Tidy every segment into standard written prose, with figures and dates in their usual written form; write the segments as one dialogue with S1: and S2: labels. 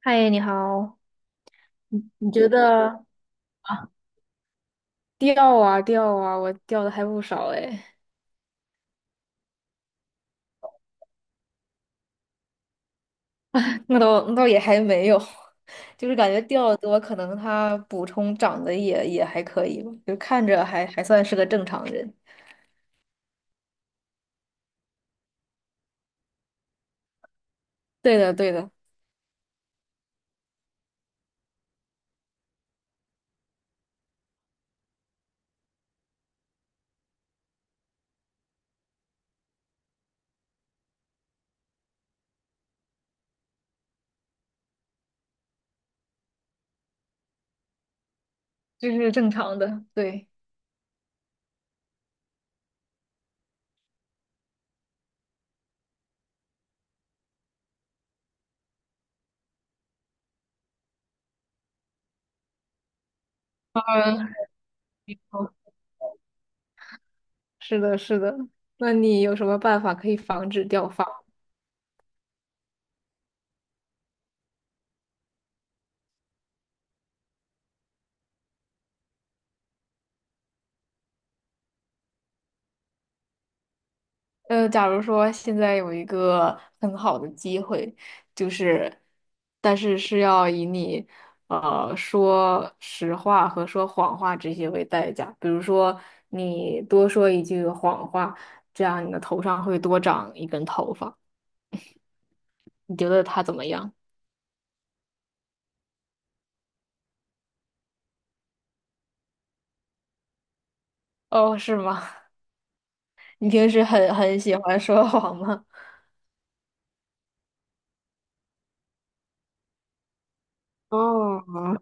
S1: 嗨，你好，你觉得掉啊掉啊，我掉的还不少哎，那倒那倒也还没有，就是感觉掉的多，可能它补充长得也还可以吧，就看着还算是个正常人。对的，对的，这是正常的，对，嗯，好，是的，是的。那你有什么办法可以防止掉发？假如说现在有一个很好的机会，就是，但是是要以你说实话和说谎话这些为代价。比如说，你多说一句谎话，这样你的头上会多长一根头发。你觉得他怎么样？哦，是吗？你平时很喜欢说谎吗？哦，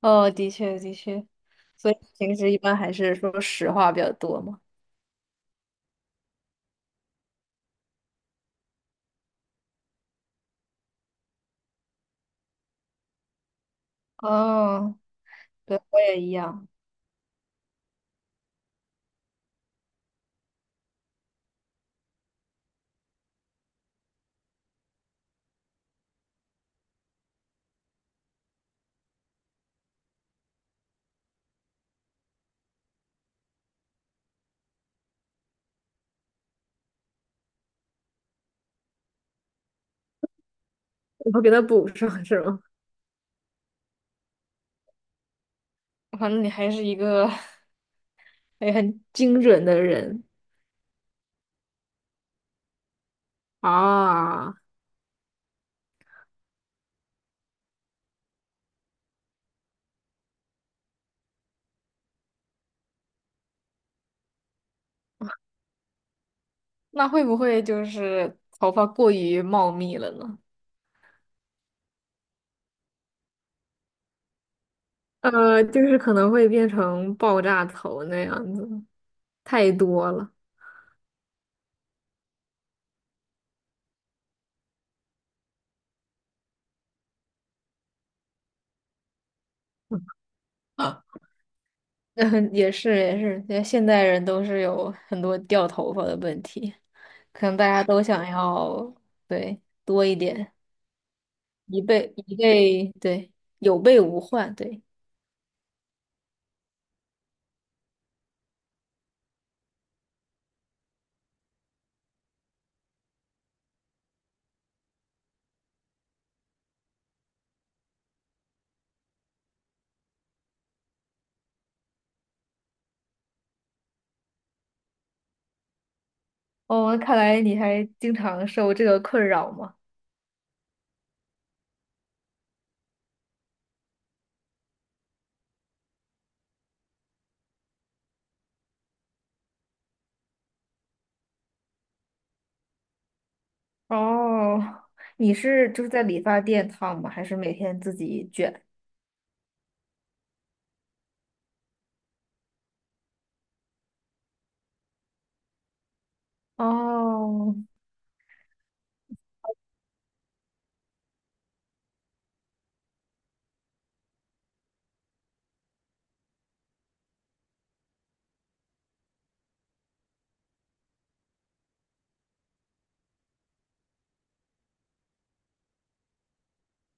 S1: 哦，的确的确，所以平时一般还是说实话比较多嘛。哦，对，我也一样。我后给他补上 是吗？反正你还是一个哎，很精准的人。啊，那会不会就是头发过于茂密了呢？就是可能会变成爆炸头那样子，太多了。啊，嗯，也是也是，因为现代人都是有很多掉头发的问题，可能大家都想要对多一点，一备一备，对有备无患，对。哦，看来你还经常受这个困扰嘛？哦，你是就是在理发店烫吗？还是每天自己卷？哦，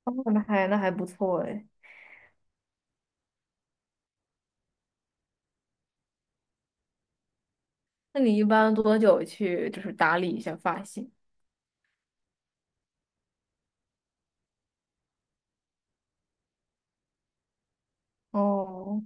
S1: 哦那还不错哎。那你一般多久去就是打理一下发型？哦，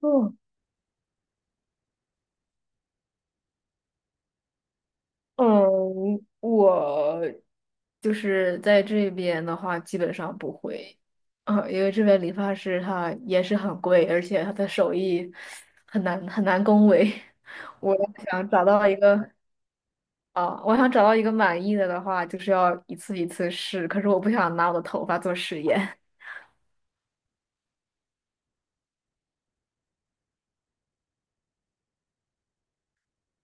S1: 哦，嗯，我就是在这边的话，基本上不会，啊，因为这边理发师他也是很贵，而且他的手艺很难恭维。我想找到一个啊，我想找到一个满意的的话，就是要一次一次试，可是我不想拿我的头发做实验。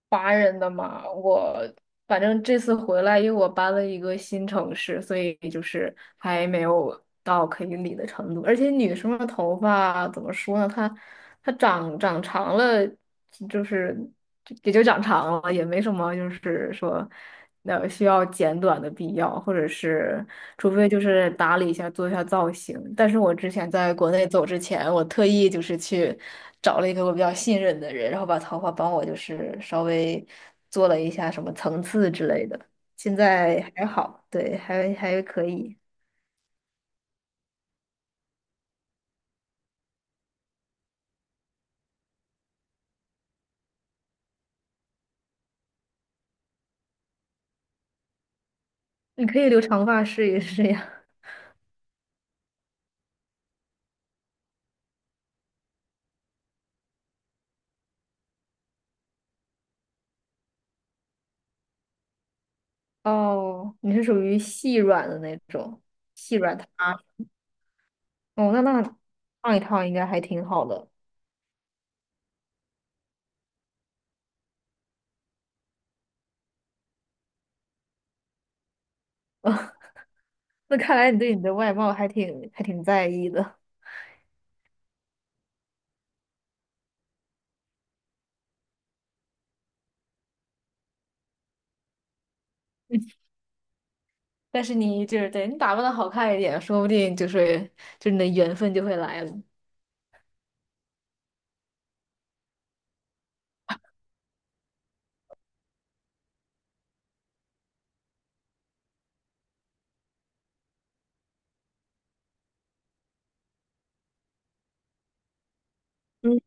S1: 华人的嘛，我反正这次回来，因为我搬了一个新城市，所以就是还没有到可以理的程度。而且女生的头发怎么说呢？她她长长了，就是就也就长长了，也没什么，就是说。那需要剪短的必要，或者是除非就是打理一下，做一下造型。但是我之前在国内走之前，我特意就是去找了一个我比较信任的人，然后把头发帮我就是稍微做了一下什么层次之类的。现在还好，对，还可以。你可以留长发试一试呀。哦，你是属于细软的那种，细软塌。哦，那那烫一烫应该还挺好的。那看来你对你的外貌还挺在意的。但是你就是对你打扮的好看一点，说不定就是你的缘分就会来了。嗯，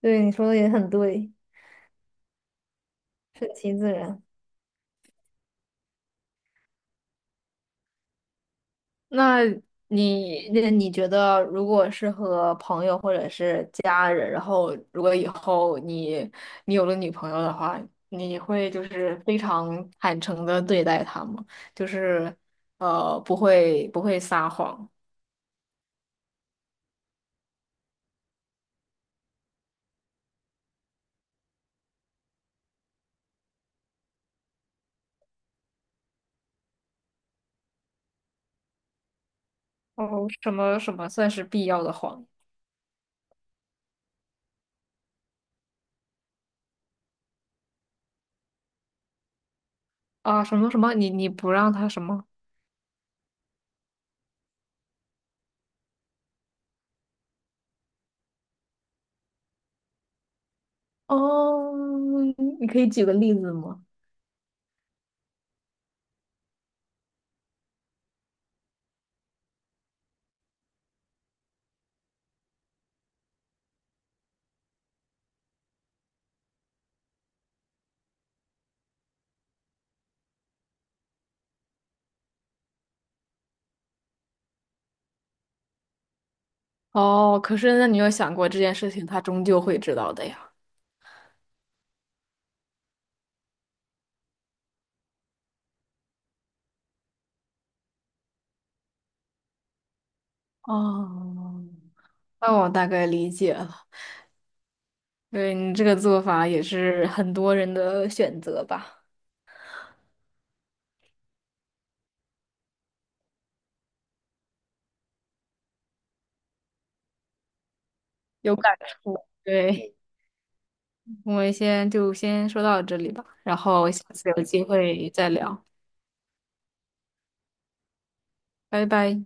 S1: 对，你说的也很对，顺其自然。那那你觉得，如果是和朋友或者是家人，然后如果以后你有了女朋友的话，你会就是非常坦诚的对待她吗？就是不会撒谎，哦，什么什么算是必要的谎？啊，什么什么？你不让他什么？哦，你可以举个例子吗？哦，可是那你有想过这件事情，他终究会知道的呀。哦，那我大概理解了，对你这个做法也是很多人的选择吧，有感触。对，我们先说到这里吧，然后下次有机会再聊，拜拜。